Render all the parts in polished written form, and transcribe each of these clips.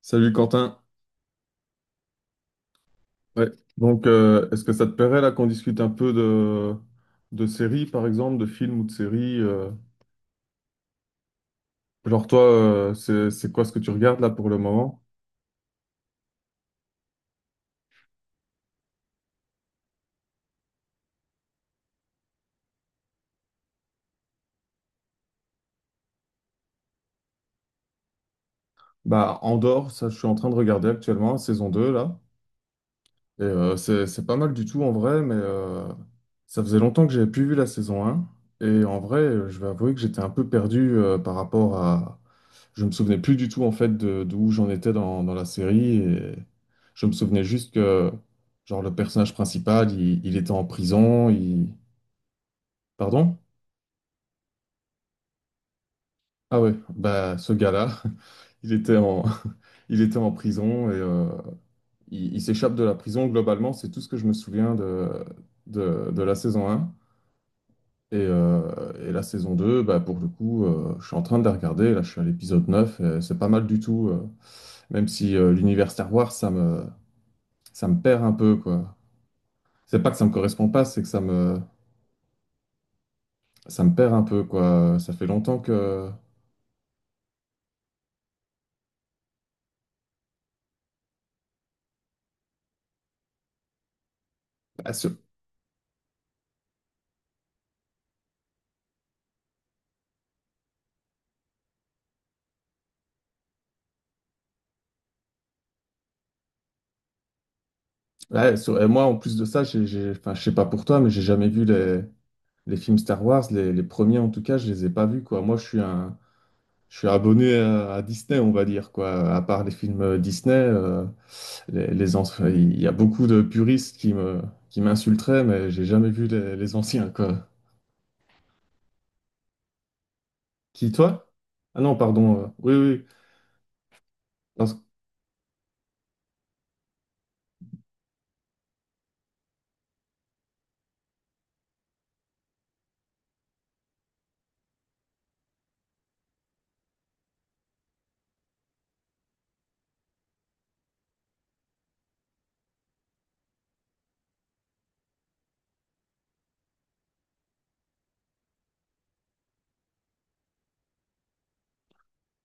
Salut Quentin. Ouais. Est-ce que ça te plairait là qu'on discute un peu de séries, par exemple, de films ou de séries genre toi, c'est quoi ce que tu regardes là pour le moment? Bah, Andorre, ça je suis en train de regarder actuellement, saison 2 là. Et c'est pas mal du tout en vrai, mais ça faisait longtemps que j'avais plus vu la saison un. Et en vrai, je vais avouer que j'étais un peu perdu par rapport à... Je me souvenais plus du tout en fait d'où j'en étais dans la série. Et je me souvenais juste que genre le personnage principal, il était en prison. Il... Pardon? Ah ouais, bah ce gars-là, il était en... il était en prison et il s'échappe de la prison. Globalement, c'est tout ce que je me souviens de la saison un. Et la saison 2 bah, pour le coup, je suis en train de la regarder. Là, je suis à l'épisode 9 et c'est pas mal du tout. Même si l'univers Star Wars, ça me perd un peu, quoi. C'est pas que ça me correspond pas, c'est que ça me perd un peu, quoi. Ça fait longtemps que. bah, sur- ouais, et moi, en plus de ça, enfin, je sais pas pour toi, mais j'ai jamais vu les films Star Wars. Les premiers, en tout cas, je les ai pas vus, quoi. Moi, je suis un, Je suis abonné à Disney, on va dire, quoi. À part les films Disney, les anciens- il y a beaucoup de puristes qui m'insulteraient, mais j'ai jamais vu les anciens, quoi. Qui, toi? Ah non, pardon. Oui, oui. Parce,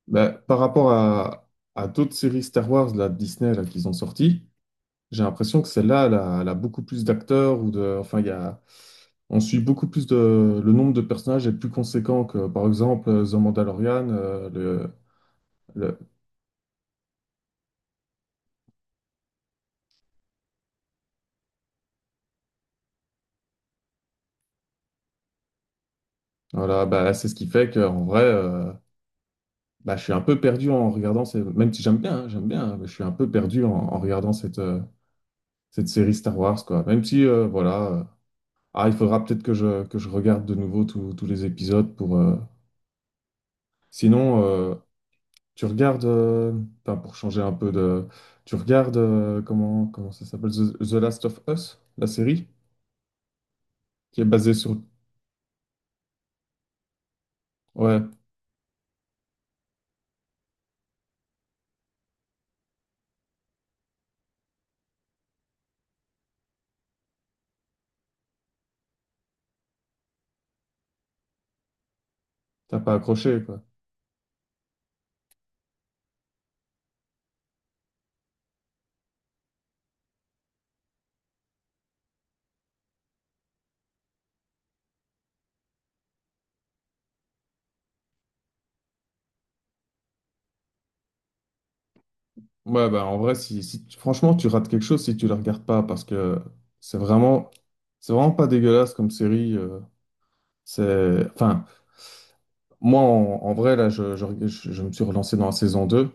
Bah, par rapport à d'autres séries Star Wars, là, de Disney, là, qu'ils ont sorties, j'ai l'impression que celle-là, elle a beaucoup plus d'acteurs ou de, enfin, il y a, on suit beaucoup plus de... Le nombre de personnages est plus conséquent que, par exemple, The Mandalorian, le, voilà, bah, c'est ce qui fait qu'en vrai, bah, je suis un peu perdu en regardant, ces... même si j'aime bien, hein, j'aime bien, hein, mais je suis un peu perdu en regardant cette, cette série Star Wars, quoi. Même si, voilà, ah, il faudra peut-être que que je regarde de nouveau tous les épisodes pour... Sinon, tu regardes, enfin, pour changer un peu de... Tu regardes, comment, comment ça s'appelle? The Last of Us, la série, qui est basée sur... Ouais, t'as pas accroché, quoi. Ouais, bah, en vrai, franchement, tu rates quelque chose si tu le regardes pas, parce que c'est vraiment, c'est vraiment pas dégueulasse comme série. C'est, enfin, moi, en vrai, là, je me suis relancé dans la saison deux.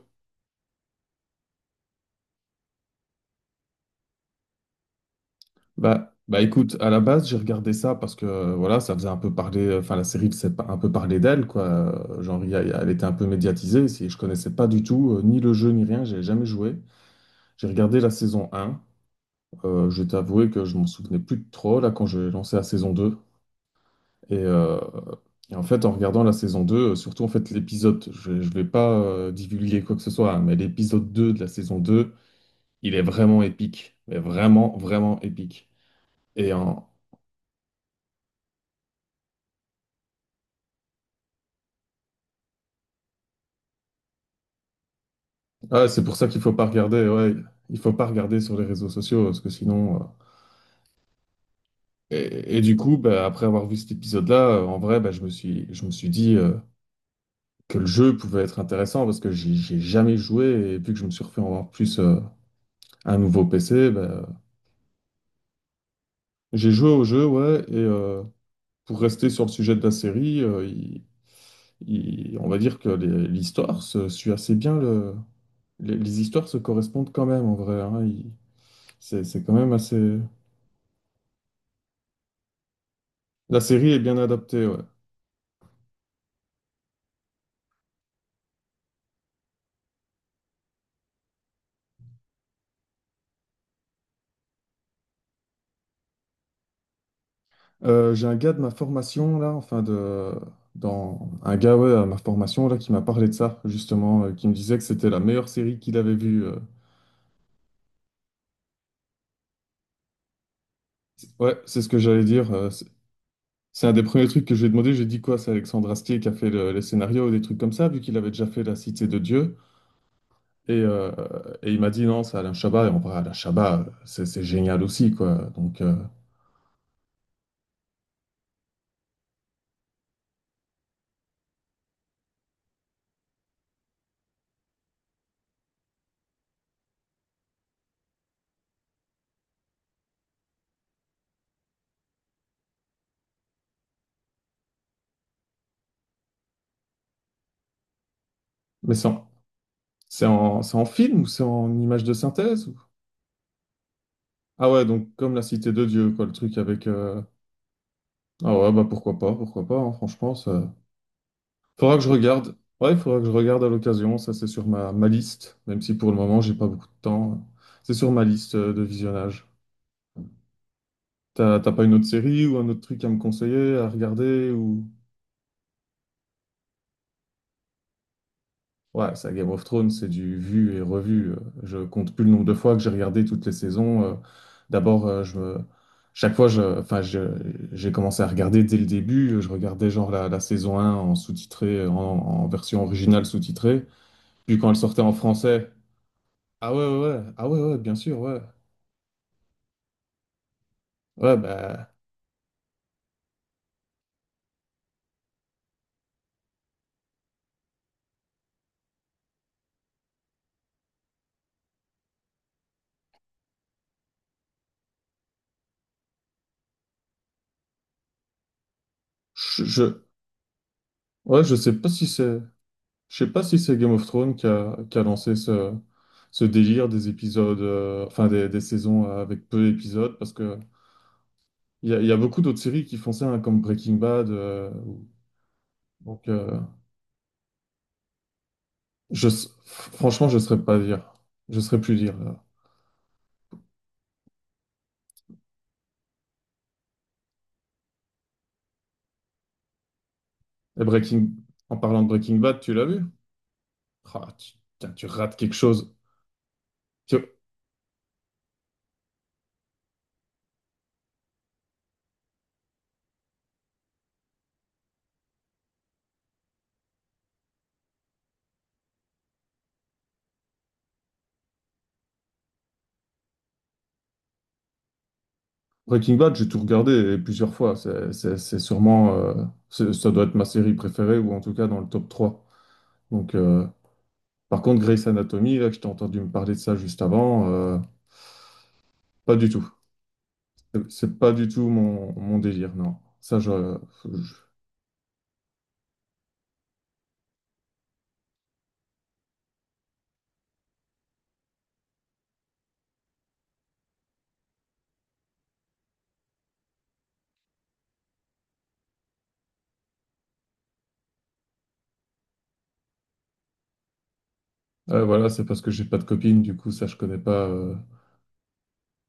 Bah, bah, écoute, à la base, j'ai regardé ça parce que, voilà, ça faisait un peu parler, enfin, la série faisait un peu parler d'elle, quoi. Genre, elle était un peu médiatisée. Si je connaissais pas du tout, ni le jeu, ni rien, j'ai jamais joué. J'ai regardé la saison un. Je vais t'avouer que je m'en souvenais plus de trop, là, quand j'ai lancé la saison deux. Et, euh, et en fait, en regardant la saison 2, surtout en fait l'épisode, je ne vais pas divulguer quoi que ce soit, hein, mais l'épisode 2 de la saison 2, il est vraiment épique. Mais vraiment, vraiment épique. Et en- ah, c'est pour ça qu'il faut pas regarder, ouais, il faut pas regarder sur les réseaux sociaux, parce que sinon... et du coup, bah, après avoir vu cet épisode-là, en vrai, bah, je me suis dit que le jeu pouvait être intéressant parce que j'ai jamais joué et vu que je me suis refait en plus un nouveau PC, bah, j'ai joué au jeu, ouais, et, pour rester sur le sujet de la série, on va dire que l'histoire se suit assez bien. Les histoires se correspondent quand même en vrai. Hein, c'est quand même assez. La série est bien adaptée. Ouais. J'ai un gars de ma formation là, enfin de dans un gars ouais, à ma formation là qui m'a parlé de ça justement, qui me disait que c'était la meilleure série qu'il avait vue. Euh. Ouais, c'est ce que j'allais dire. C'est un des premiers trucs que j'ai demandé. J'ai dit quoi? C'est Alexandre Astier qui a fait les scénarios ou des trucs comme ça, vu qu'il avait déjà fait La Cité de Dieu. Et, euh, et il m'a dit non, c'est Alain Chabat. Et en vrai, Alain Chabat, c'est génial aussi, quoi. Donc, mais c'est en film ou c'est en image de synthèse ou- Ah ouais, donc comme La Cité de Dieu, quoi, le truc avec. Ah ouais, bah pourquoi pas, hein, franchement, ça... faudra que je regarde. Ouais, il faudra que je regarde à l'occasion, ça c'est sur ma liste, même si pour le moment j'ai pas beaucoup de temps. C'est sur ma liste de visionnage. T'as pas une autre série ou un autre truc à me conseiller, à regarder ou. Ouais, ça Game of Thrones, c'est du vu et revu. Je compte plus le nombre de fois que j'ai regardé toutes les saisons. D'abord, chaque fois, j'ai commencé à regarder dès le début. Je regardais genre la saison un en sous-titré, en version originale sous-titrée. Puis quand elle sortait en français, ah ouais, ouais, ouais, ah ouais, ouais, bien sûr, ouais, ouais, bah, je, je... ouais, je sais pas si c'est, je sais pas si c'est Game of Thrones qui a lancé ce, ce délire des épisodes, enfin des saisons avec peu d'épisodes, parce que il y a, il y a beaucoup d'autres séries qui font ça, hein, comme Breaking Bad. Donc, franchement, je ne saurais pas dire. Je ne saurais plus dire. Là. Et en parlant de Breaking Bad, tu l'as vu? Ah, tu, Tiens, tu rates quelque chose. Tiens, Breaking Bad, j'ai tout regardé et plusieurs fois. C'est sûrement, ça doit être ma série préférée ou en tout cas dans le top trois. Donc, par contre, Grey's Anatomy, là, que je t'ai entendu me parler de ça juste avant, pas du tout. C'est pas du tout mon, mon délire, non. Ça, je, ouais, voilà, c'est parce que j'ai pas de copine, du coup, ça, je connais pas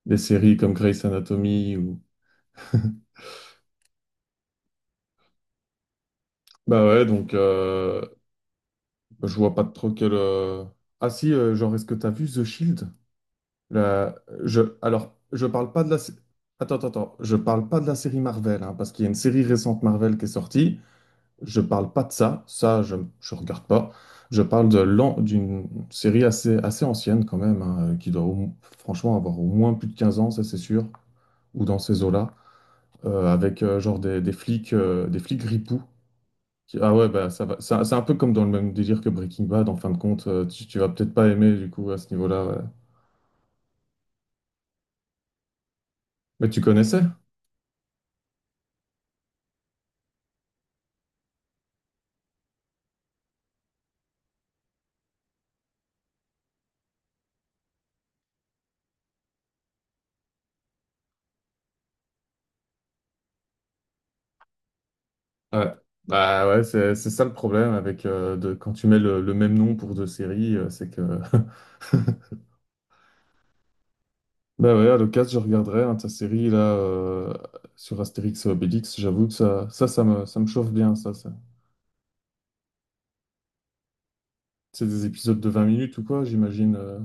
des séries comme Grey's Anatomy ou. Bah ouais, donc bah, je vois pas trop quel. Ah si, genre, est-ce que t'as vu The Shield? La... Je... Alors, je parle pas de la. Attends, attends, attends. Je parle pas de la série Marvel, hein, parce qu'il y a une série récente Marvel qui est sortie. Je parle pas de ça. Ça, je regarde pas. Je parle de l'an... d'une série assez, assez ancienne, quand même, hein, qui doit franchement avoir au moins plus de 15 ans, ça, c'est sûr, ou dans ces eaux-là. Euh, avec genre des flics ripoux. Ah ouais, bah ça va. C'est un peu comme dans le même délire que Breaking Bad, en fin de compte. Tu vas peut-être pas aimer du coup à ce niveau-là. Ouais. Mais tu connaissais? Ouais. Bah ouais, c'est ça le problème avec quand tu mets le même nom pour deux séries, c'est que. Bah ouais, à l'occasion, je regarderai hein, ta série là sur Astérix et Obélix. J'avoue que ça me chauffe bien, ça. Ça. C'est des épisodes de 20 minutes ou quoi, j'imagine. Euh.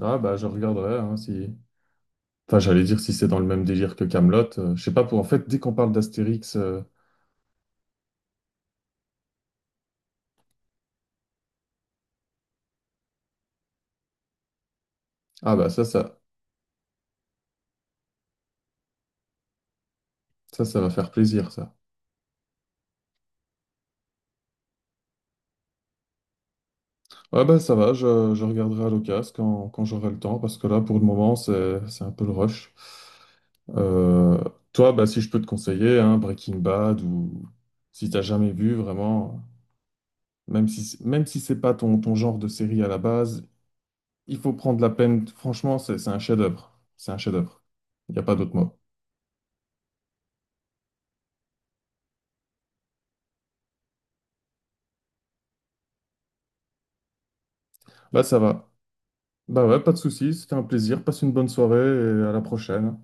Ah bah je regarderai hein, si. Enfin, j'allais dire si c'est dans le même délire que Kaamelott. Je sais pas pour en fait, dès qu'on parle d'Astérix, ah bah ça, ça, ça va faire plaisir, ça. Ouais bah ça va, je regarderai à l'occasion quand j'aurai le temps, parce que là, pour le moment, c'est un peu le rush. Euh, toi, bah si je peux te conseiller, hein, Breaking Bad, ou si t'as jamais vu vraiment, même si c'est pas ton, ton genre de série à la base, il faut prendre la peine. Franchement, c'est un chef-d'œuvre. C'est un chef-d'œuvre. Il n'y a pas d'autre mot. Là, ça va. Bah ouais, pas de soucis. C'était un plaisir. Passe une bonne soirée et à la prochaine.